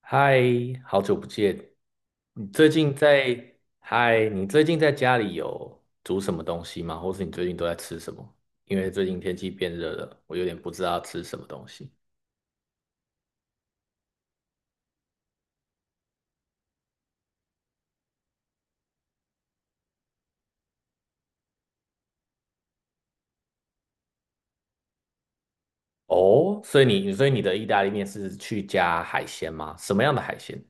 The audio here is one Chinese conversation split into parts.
嗨，好久不见！你最近在，嗨，你最近在家里有煮什么东西吗？或是你最近都在吃什么？因为最近天气变热了，我有点不知道吃什么东西。哦，所以你的意大利面是去加海鲜吗？什么样的海鲜？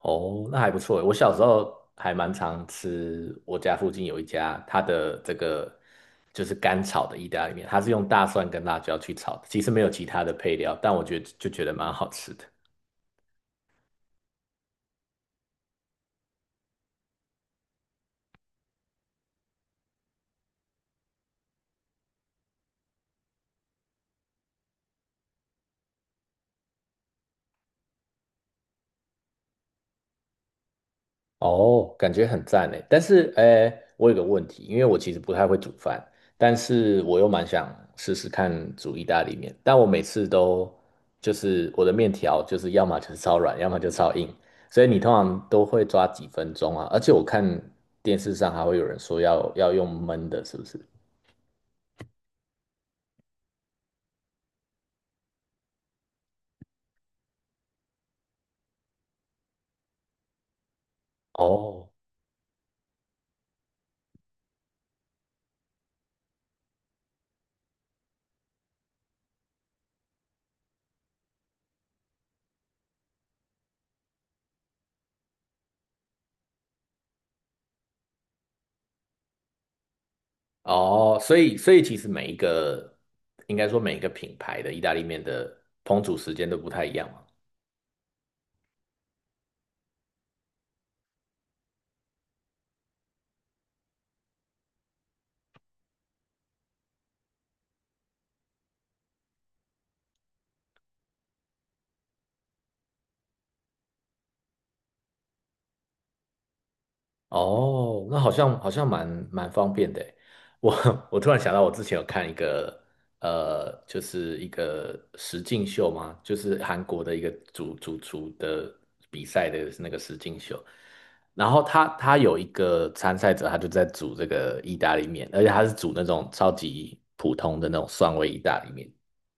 哦，那还不错诶。我小时候还蛮常吃，我家附近有一家，它的这个就是干炒的意大利面，它是用大蒜跟辣椒去炒的，其实没有其他的配料，但我觉得就觉得蛮好吃的。哦，感觉很赞诶。但是，诶，我有个问题，因为我其实不太会煮饭，但是我又蛮想试试看煮意大利面，但我每次都就是我的面条就是要么就是超软，要么就超硬，所以你通常都会抓几分钟啊？而且我看电视上还会有人说要用焖的，是不是？哦。哦，所以其实每一个应该说每一个品牌的意大利面的烹煮时间都不太一样嘛。哦，那好像好像蛮蛮方便的诶。我 我突然想到，我之前有看一个就是一个实境秀嘛，就是韩国的一个主厨的比赛的那个实境秀。然后他有一个参赛者，他就在煮这个意大利面，而且他是煮那种超级普通的那种蒜味意大利面。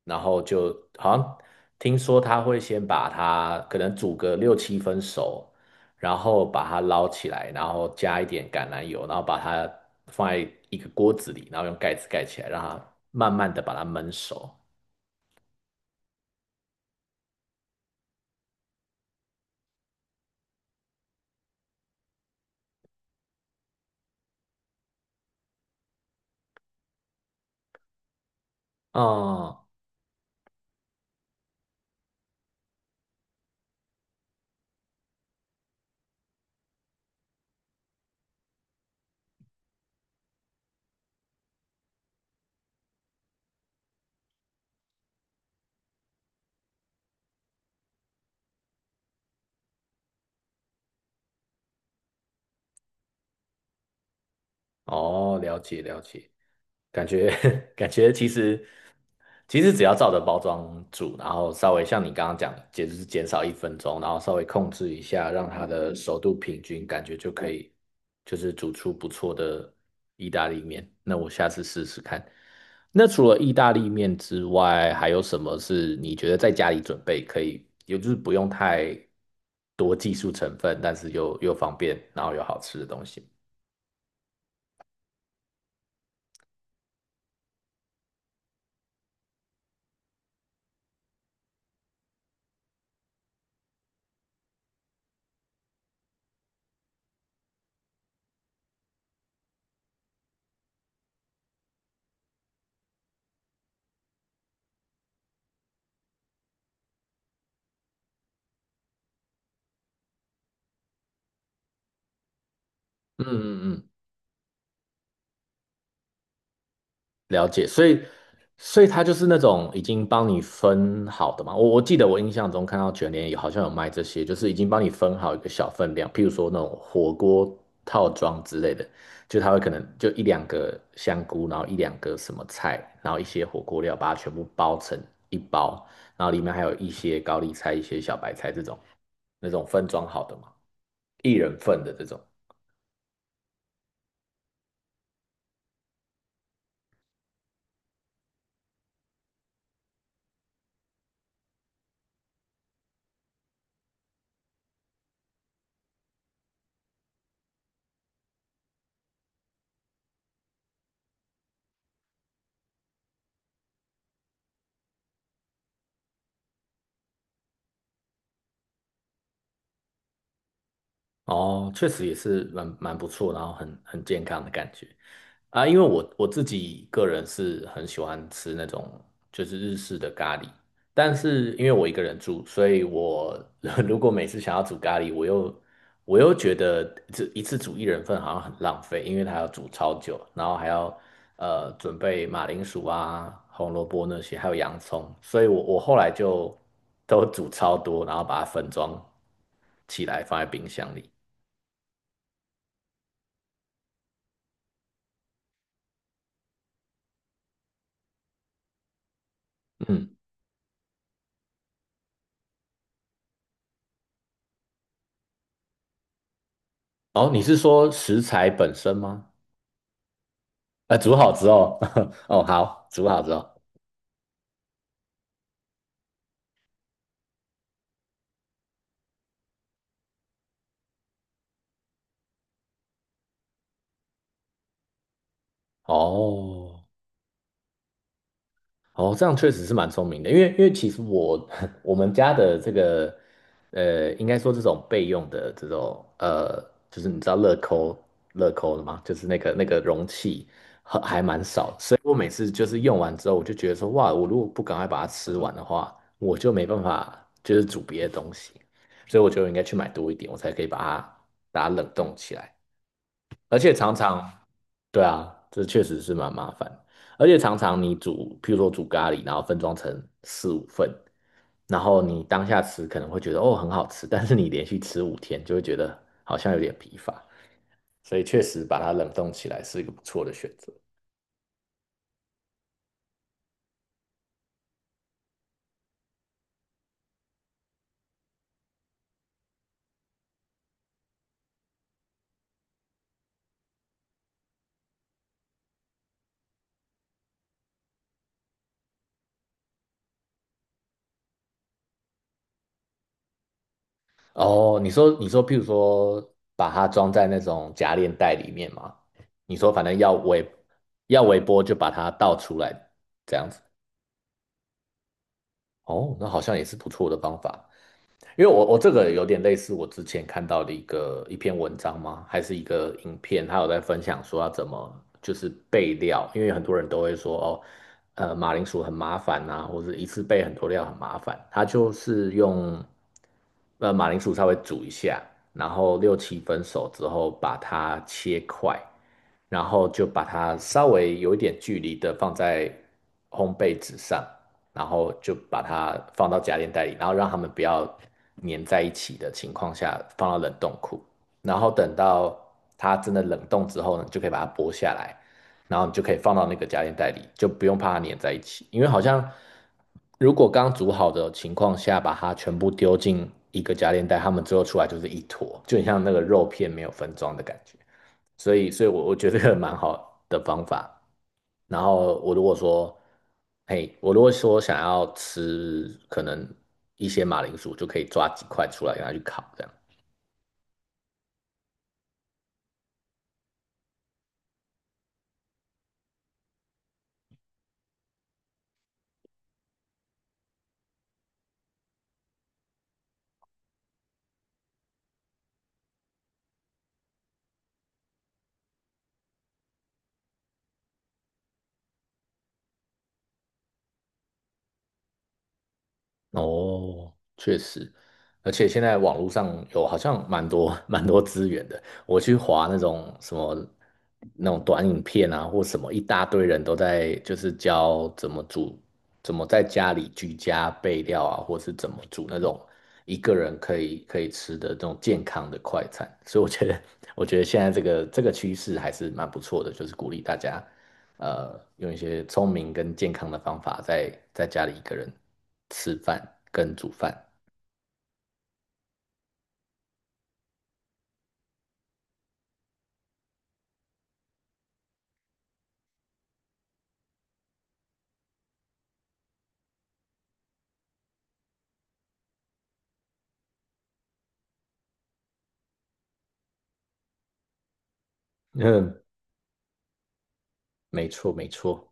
然后就好像听说他会先把它可能煮个六七分熟。然后把它捞起来，然后加一点橄榄油，然后把它放在一个锅子里，然后用盖子盖起来，让它慢慢的把它焖熟。嗯。哦，了解了解，感觉 感觉其实其实只要照着包装煮，然后稍微像你刚刚讲的，也就是减少一分钟，然后稍微控制一下，让它的熟度平均，感觉就可以就是煮出不错的意大利面。那我下次试试看。那除了意大利面之外，还有什么是你觉得在家里准备可以，也就是不用太多技术成分，但是又方便，然后又好吃的东西？嗯嗯嗯。了解，所以所以它就是那种已经帮你分好的嘛。我记得我印象中看到卷帘有好像有卖这些，就是已经帮你分好一个小分量，譬如说那种火锅套装之类的，就它会可能就一两个香菇，然后一两个什么菜，然后一些火锅料，把它全部包成一包，然后里面还有一些高丽菜、一些小白菜这种那种分装好的嘛，一人份的这种。哦，确实也是蛮蛮不错，然后很很健康的感觉。啊，因为我自己个人是很喜欢吃那种就是日式的咖喱，但是因为我一个人住，所以我 如果每次想要煮咖喱，我又觉得这一次煮一人份好像很浪费，因为它要煮超久，然后还要准备马铃薯啊、红萝卜那些，还有洋葱，所以我后来就都煮超多，然后把它分装起来放在冰箱里。嗯。哦，你是说食材本身吗？呃，煮好之后，哦，好，煮好之后，哦。哦，这样确实是蛮聪明的，因为因为其实我 我们家的这个，呃，应该说这种备用的这种，就是你知道乐扣的吗？就是那个容器还蛮少，所以我每次就是用完之后，我就觉得说，哇，我如果不赶快把它吃完的话，我就没办法就是煮别的东西，所以我觉得我应该去买多一点，我才可以把它冷冻起来。而且常常，对啊，这确实是蛮麻烦。而且常常你煮，譬如说煮咖喱，然后分装成四五份，然后你当下吃可能会觉得哦很好吃，但是你连续吃五天就会觉得好像有点疲乏，所以确实把它冷冻起来是一个不错的选择。哦，你说譬如说把它装在那种夹链袋里面嘛，你说反正要微波就把它倒出来这样子。哦，那好像也是不错的方法。因为我这个有点类似我之前看到的一个一篇文章吗？还是一个影片，他有在分享说要怎么就是备料，因为很多人都会说哦，马铃薯很麻烦呐、或者一次备很多料很麻烦。他就是用马铃薯稍微煮一下，然后六七分熟之后把它切块，然后就把它稍微有一点距离的放在烘焙纸上，然后就把它放到家电袋里，然后让它们不要粘在一起的情况下放到冷冻库，然后等到它真的冷冻之后呢，你就可以把它剥下来，然后你就可以放到那个家电袋里，就不用怕它粘在一起，因为好像如果刚煮好的情况下把它全部丢进一个家电袋，它们最后出来就是一坨，就很像那个肉片没有分装的感觉，所以，所以我觉得这个蛮好的方法。然后我如果说，嘿，我如果说想要吃可能一些马铃薯，就可以抓几块出来给它去烤，这样。哦，确实，而且现在网络上有好像蛮多 蛮多资源的。我去划那种什么那种短影片啊，或什么，一大堆人都在就是教怎么煮，怎么在家里居家备料啊，或是怎么煮那种一个人可以吃的这种健康的快餐。所以我觉得，我觉得现在这个趋势还是蛮不错的，就是鼓励大家用一些聪明跟健康的方法在，在家里一个人吃饭跟煮饭。嗯，没错，没错。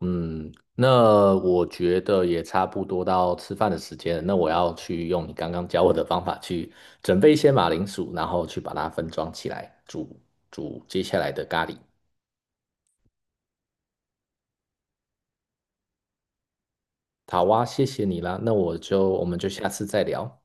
嗯，那我觉得也差不多到吃饭的时间了。那我要去用你刚刚教我的方法去准备一些马铃薯，然后去把它分装起来煮接下来的咖喱。好啊，谢谢你啦。那我们就下次再聊。